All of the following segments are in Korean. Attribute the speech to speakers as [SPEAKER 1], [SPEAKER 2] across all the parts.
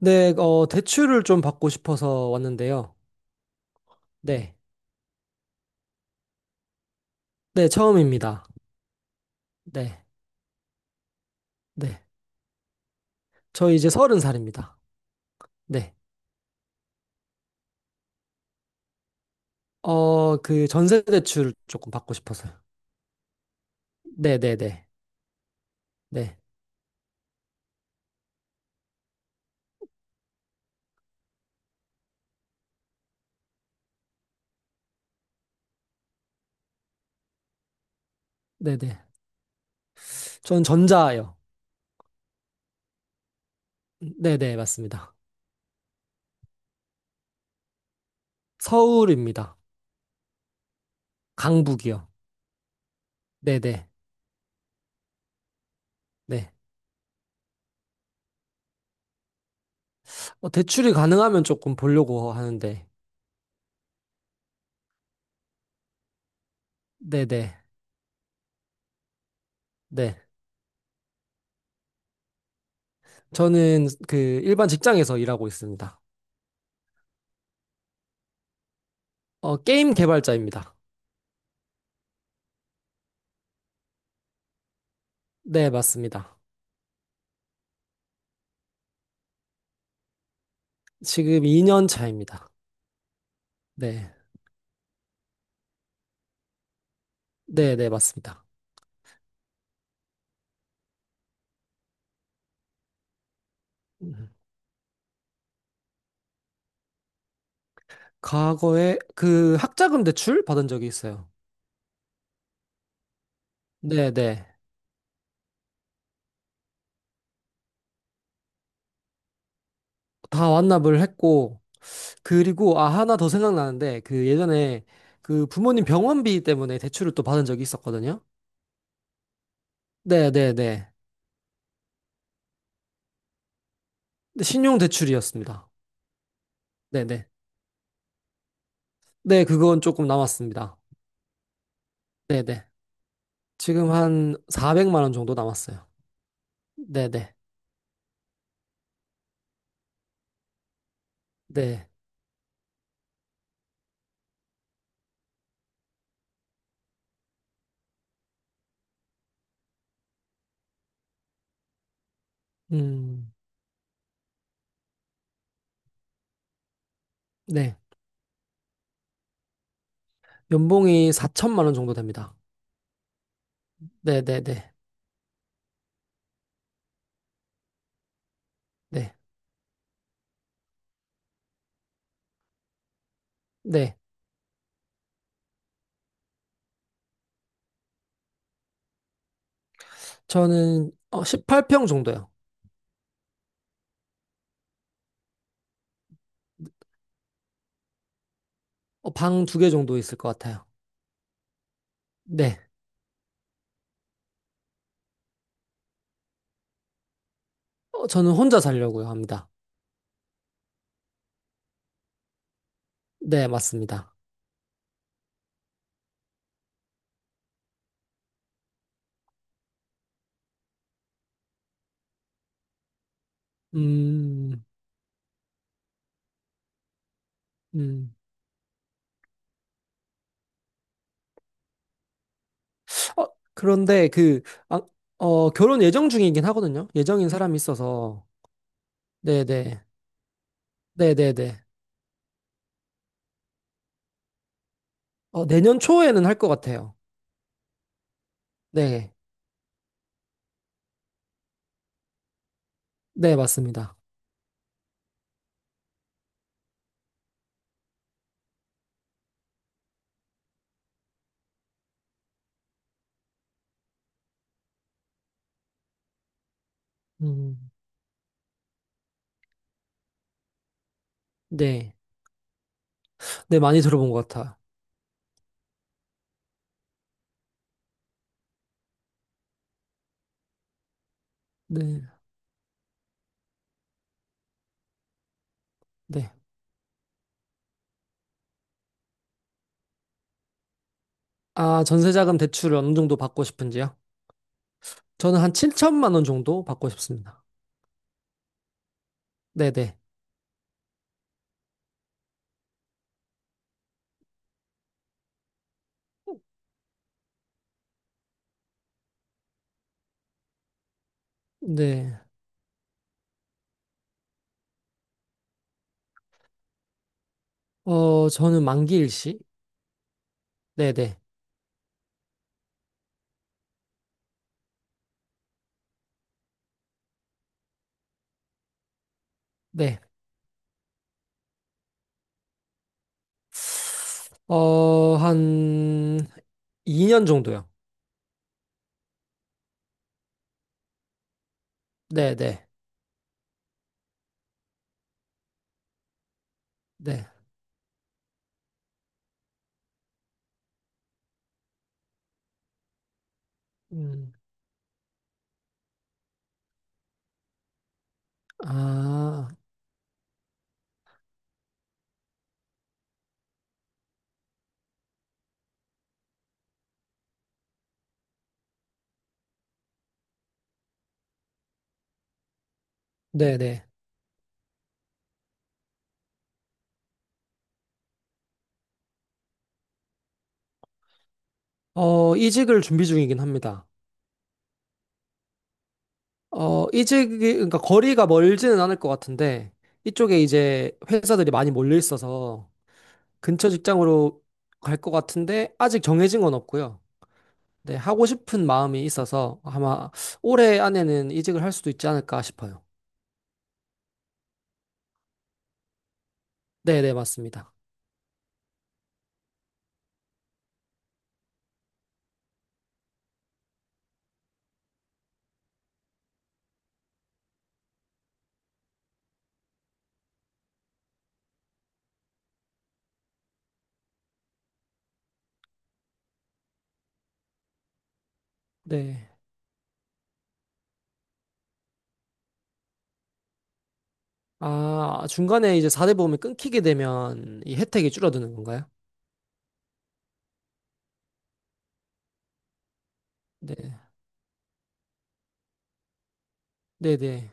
[SPEAKER 1] 네, 대출을 좀 받고 싶어서 왔는데요. 네. 네, 처음입니다. 네. 네. 저 이제 서른 살입니다. 네. 그 전세 대출 조금 받고 싶어서요. 네, 네, 네. 네. 네, 네. 전 전자요. 네, 네, 맞습니다. 서울입니다. 강북이요. 네, 네. 네. 대출이 가능하면 조금 보려고 하는데. 네, 네. 네. 저는 그 일반 직장에서 일하고 있습니다. 게임 개발자입니다. 네, 맞습니다. 지금 2년 차입니다. 네. 네, 네, 맞습니다. 음. 과거에 그 학자금 대출 받은 적이 있어요. 네, 네. 다 완납을 했고, 그리고, 아, 하나 더 생각나는데, 그 예전에 그 부모님 병원비 때문에 대출을 또 받은 적이 있었거든요. 네, 네, 네. 근데 신용 대출이었습니다. 네, 네. 네, 그건 조금 남았습니다. 네, 네. 지금 한 400만 원 정도 남았어요. 네, 네. 네. 음, 네. 연봉이 4천만 원 정도 됩니다. 네네네. 네. 네. 저는 18평 정도요. 방두 개 정도 있을 것 같아요. 네. 저는 혼자 살려고요 합니다. 네, 맞습니다. 음, 음. 어, 그런데 그, 아, 결혼 예정 중이긴 하거든요. 예정인 사람이 있어서. 네네. 네네네. 내년 초에는 할 것 같아요. 네. 네, 맞습니다. 음, 네. 네, 많이 들어본 것 같아요. 네. 네. 아, 전세자금 대출을 어느 정도 받고 싶은지요? 저는 한 7천만 원 정도 받고 싶습니다. 네네. 네. 저는 만기일 시. 네네. 네. 어, 한 2년 정도요. 네네. 네. 음, 아, 네네. 이직을 준비 중이긴 합니다. 그러니까 거리가 멀지는 않을 것 같은데, 이쪽에 이제 회사들이 많이 몰려 있어서 근처 직장으로 갈 것 같은데, 아직 정해진 건 없고요. 네, 하고 싶은 마음이 있어서 아마 올해 안에는 이직을 할 수도 있지 않을까 싶어요. 네, 네, 맞습니다. 네. 아, 중간에 이제 4대 보험이 끊기게 되면 이 혜택이 줄어드는 건가요? 네, 네, 네.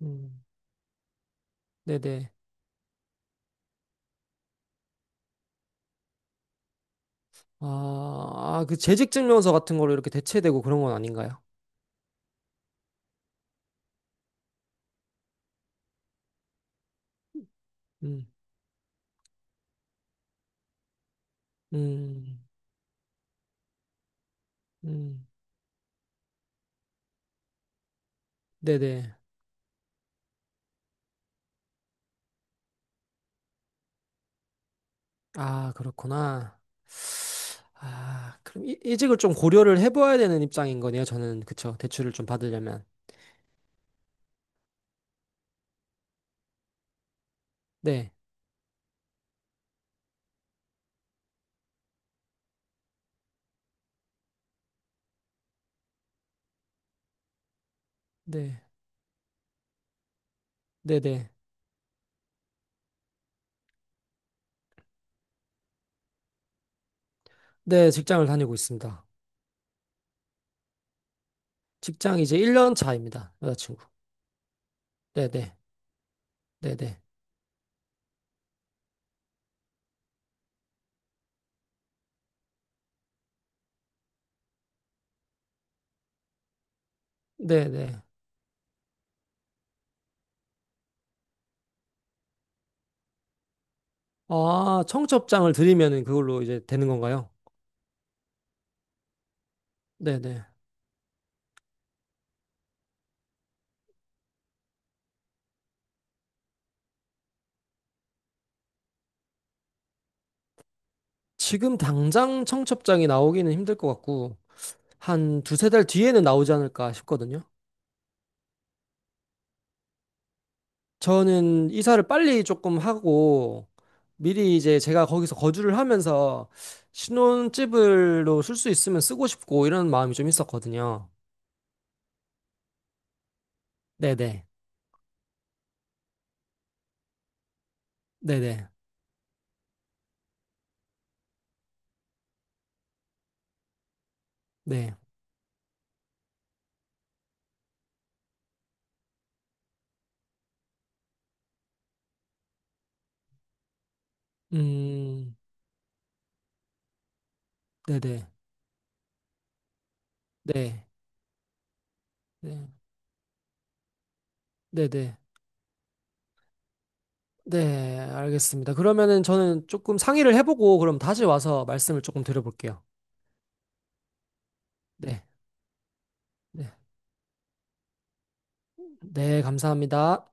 [SPEAKER 1] 음, 네, 네. 아, 아, 그 재직 증명서 같은 걸로 이렇게 대체되고 그런 건 아닌가요? 음, 음, 음. 네, 네. 아, 그렇구나. 아, 그럼 이직을 좀 고려를 해봐야 되는 입장인 거네요. 저는 그쵸. 대출을 좀 받으려면. 네. 네, 네네. 네, 직장을 다니고 있습니다. 직장 이제 1년 차입니다. 여자친구. 네네, 네네, 네네. 아, 청첩장을 드리면은 그걸로 이제 되는 건가요? 네네. 지금 당장 청첩장이 나오기는 힘들 것 같고, 한 두세 달 뒤에는 나오지 않을까 싶거든요. 저는 이사를 빨리 조금 하고, 미리 이제 제가 거기서 거주를 하면서 신혼집으로 쓸 수 있으면 쓰고 싶고, 이런 마음이 좀 있었거든요. 네네, 네네. 네. 음, 네네. 네. 네. 네네. 네, 알겠습니다. 그러면은 저는 조금 상의를 해보고 그럼 다시 와서 말씀을 조금 드려볼게요. 네. 네. 네, 감사합니다.